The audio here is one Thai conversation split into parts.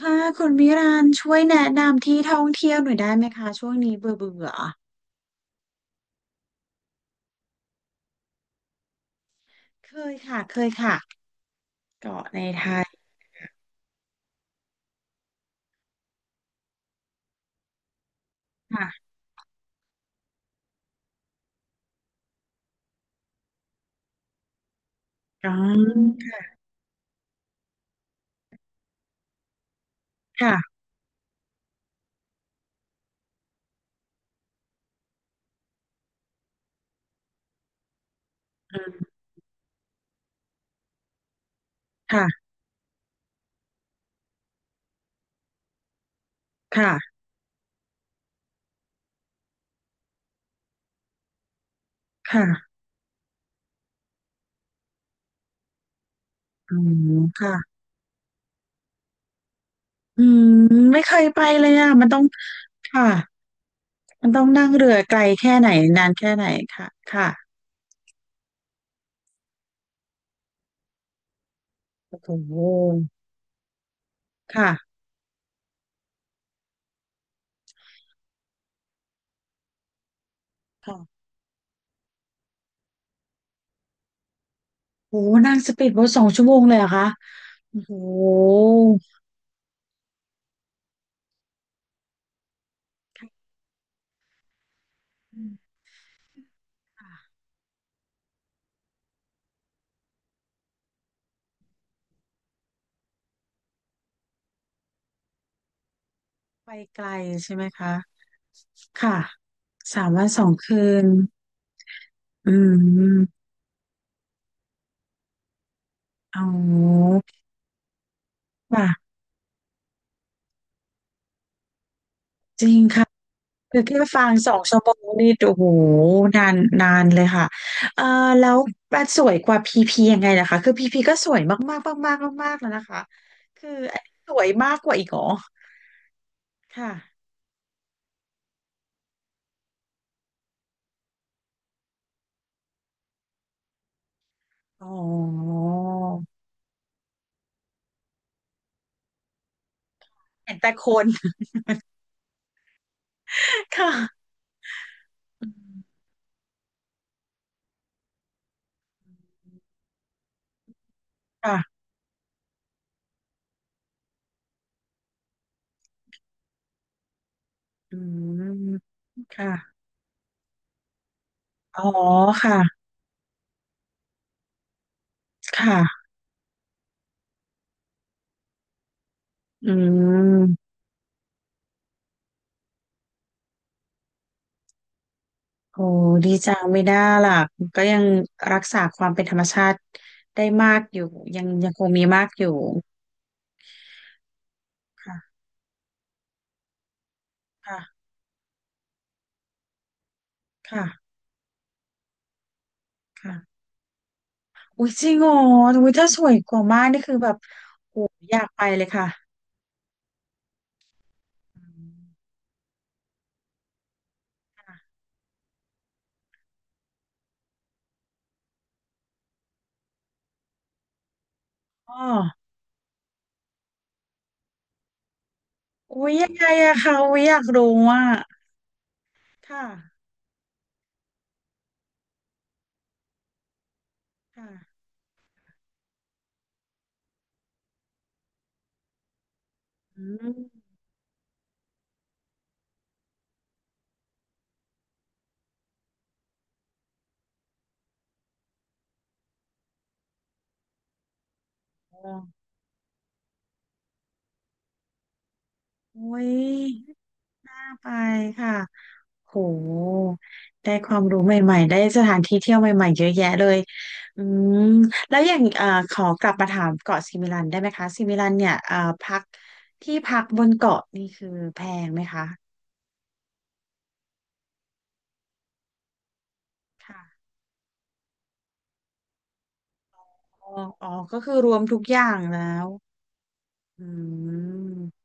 ค่ะคุณมิรานช่วยแนะนำที่ท่องเที่ยวหน่อยได้ไหมคะช่วงนี้เบื่อเบื่อเคยค่ะเคยค่ะเกาะในไทยค่ะอ๋อค่ะอืมค่ะค่ะค่ะอืมค่ะอืมไม่เคยไปเลยอ่ะมันต้องค่ะมันต้องนั่งเรือไกลแค่ไหนนานแค่ไหนค่ะค่ะโอ้โหค่ะค่ะโอ้โหนั่งสปีดโบ๊ทสองชั่วโมงเลยเหรอคะโอ้โหค่ะไปไกลใช่ไหมคะ ค่ะสามวันสองคืนอืมเอาว่ะจริงค่ะคือแค่ฟังสองชั่วโมงนี่โอ้โหนานนานเลยค่ะเอ่อแล้วมันสวยกว่าพีพียังไงนะคะคือพีพีก็สวยมากมากมากมากมากๆแล้วนะคะคืออันนี้สวยมากกว่าอีกเหรอค่ะอ๋อเห็นแต่คน ค่ะอืมค่ะอืมค่ะอ๋อค่ะค่ะอืม โอ้ดีจังไม่น่าล่ะก็ยังรักษาความเป็นธรรมชาติได้มากอยู่ยังคงมีมากอยู่ค่ะค่ะค่ะค่ะอุ้ยจริงเหรออุ้ยถ้าสวยกว่ามากนี่คือแบบโอ้อยากไปเลยค่ะอืมค่ะอ๋ออุ้ยยังไงอะคะอุ้ยอยากรู้อะค่ะค่ะอืมโอ้อุ้ยน่าไปค่ะ โห ได้ความรู้ใหม่ๆได้สถานที่เที่ยวใหม่ๆเยอะแยะเลยอืมแล้วอย่างขอกลับมาถามเกาะซิมิลันได้ไหมคะซิมิลันเนี่ยพักที่พักบนเกาะนี่คือแพงไหมคะค่ะอ๋ออ๋อก็คือรวมทุกอย่างแล้วอืม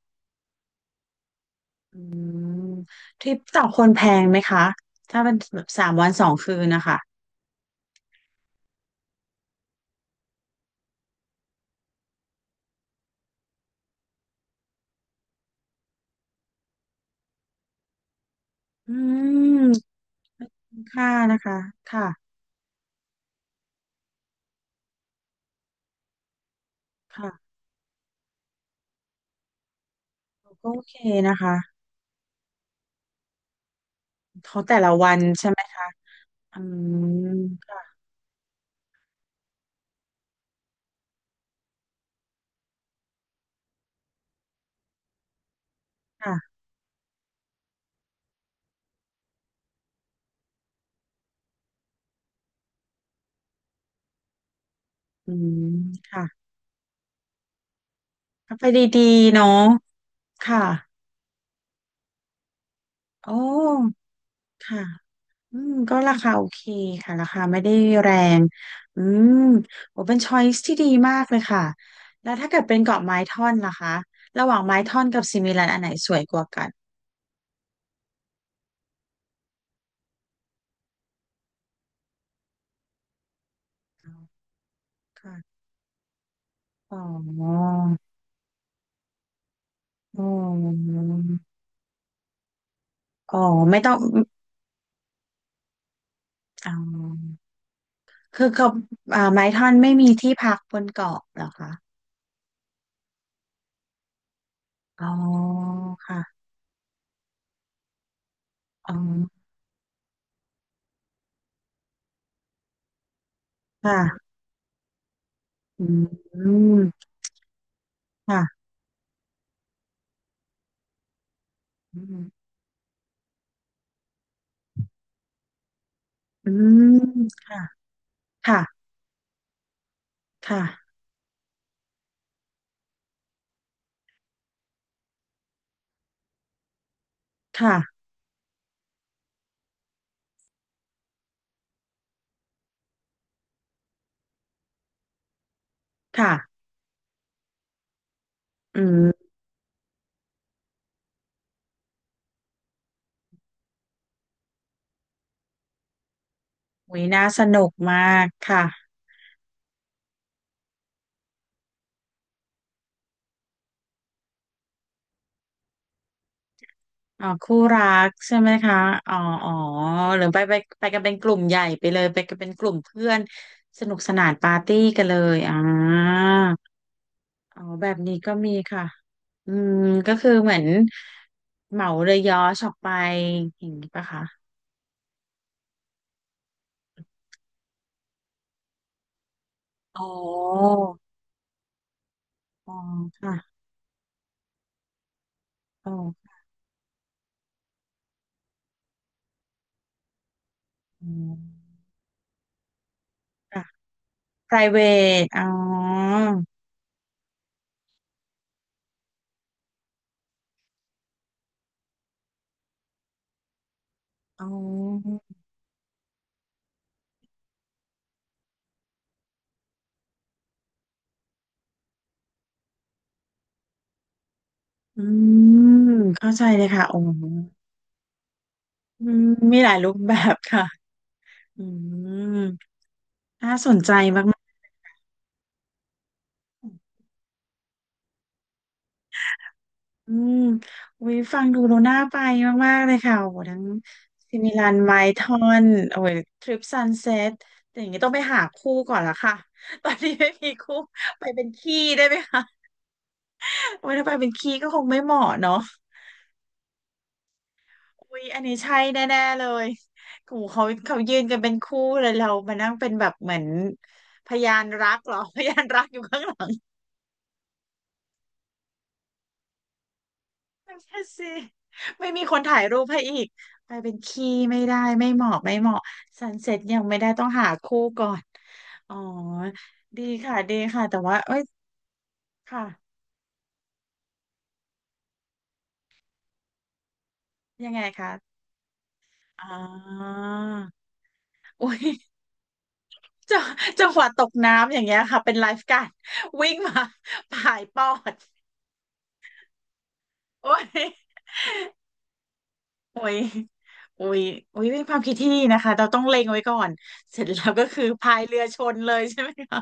อืมทริปต่อคนแพงไหมคะ ถ้าเป็นแบบสามวันสองคืนนะคะอืมคุ้มค่านะคะค่ะค่ะก็โอเคนะคะเขาแต่ละวันใช่ไหมคะ อืมค่ะค่ะอืมค่ะก็ไปดีๆ เนาะค่ะโอ้ ค่ะอืมก็ราคาโอเคค่ะราคาไม่ได้แรง อืมโอ้เป็นช้อยส์ที่ดีมากเลยค่ะ แล้วถ้าเกิดเป็นเกาะไม้ท่อนล่ะคะระหว่างไม้ท่อนกับซิมิลันอันไหนสวยกว่ากัน ค่ะอ๋ออ๋ออ๋อไม่ต้องอ๋อคือเขาอ่าไม้ท่อนไม่มีที่พักบนเกาะเหรอคะอ๋อค่ะ อ๋อค่ะอืมค่ะอืมอืมค่ะค่ะค่ะค่ะค่ะอืมหุยน่าสนุกมากค่ะอ๋อคู่รักใช่ไหมคะอ๋ออ๋อหรือไปไปกันเป็นกลุ่มใหญ่ไปเลยไปกันเป็นกลุ่มเพื่อนสนุกสนานปาร์ตี้กันเลยอ่าอ๋อแบบนี้ก็มีค่ะ อืมก็คือเหมือนเหมาเรือยอชออกไปอย่างนี้ปะคะอ๋ออ๋อค่ะอ๋อ อืมค่ะ private อ๋อ อ๋ออืมเข้าใจเลยค่ะอ๋ออืมมีหลายรูปแบบค่ะอืมน่าสนใจมากๆอืมวิฟังดูโลน่าไปมากๆเลยค่ะโอ้โหทั้งซิมิลันไมทอนโอ้ยเซตแต่อย่างนี้ต้องไปหาคู่ก่อนละค่ะ ตอนนี้ไม่มีคู่ไปเป็นขี้ได้ไหมคะโอ้ยถ้าไปเป็นขี้ก็คงไม่เหมาะเนาะ อุ๊ยอันนี้ใช่แน่ๆเลยกูเขายืนกันเป็นคู่เลยเรามานั่งเป็นแบบเหมือนพยานรักเหรอ พยานรักอยู่ข้างหลังไม่ใช่สิไม่มีคนถ่ายรูปให้อีก ไปเป็นขี้ไม่ได้ไม่เหมาะไม่เหมาะซันเซ็ตยังไม่ได้ต้องหาคู่ก่อน อ๋อ ดีค่ะดีค่ะแต่ว่าเอ้ยค่ะ ยังไงคะ อ๋ออุ้ยจังจังหวะตกน้ำอย่างเงี้ยค่ะเป็นไลฟ์การ์ดวิ่งมา ผายปอดโอ้ย โอ้ยโอ้ยโอ้ยเป็นความคิดที่ดีนะคะเราต้องเล็งไว้ก่อนเสร็จแล้วก็คือพายเรือชนเลยใช่ไหมคะ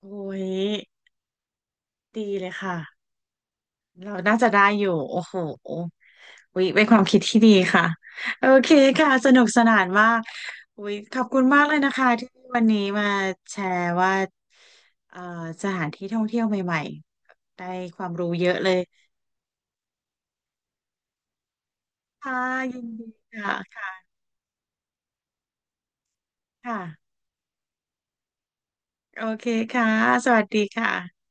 โอ้ยดีเลยค่ะเราน่าจะได้อยู่โอ้โหโอ้ยเป็นความคิดที่ดีค่ะโอเคค่ะสนุกสนานมากโอ้ยขอบคุณมากเลยนะคะที่วันนี้มาแชร์ว่าเอ่อสถานที่ท่องเที่ยวใหม่ๆได้ความรู้เยอะเลยค่ะยินดีค่ะค่ะโอเคค่ะสวัสดีค่ะ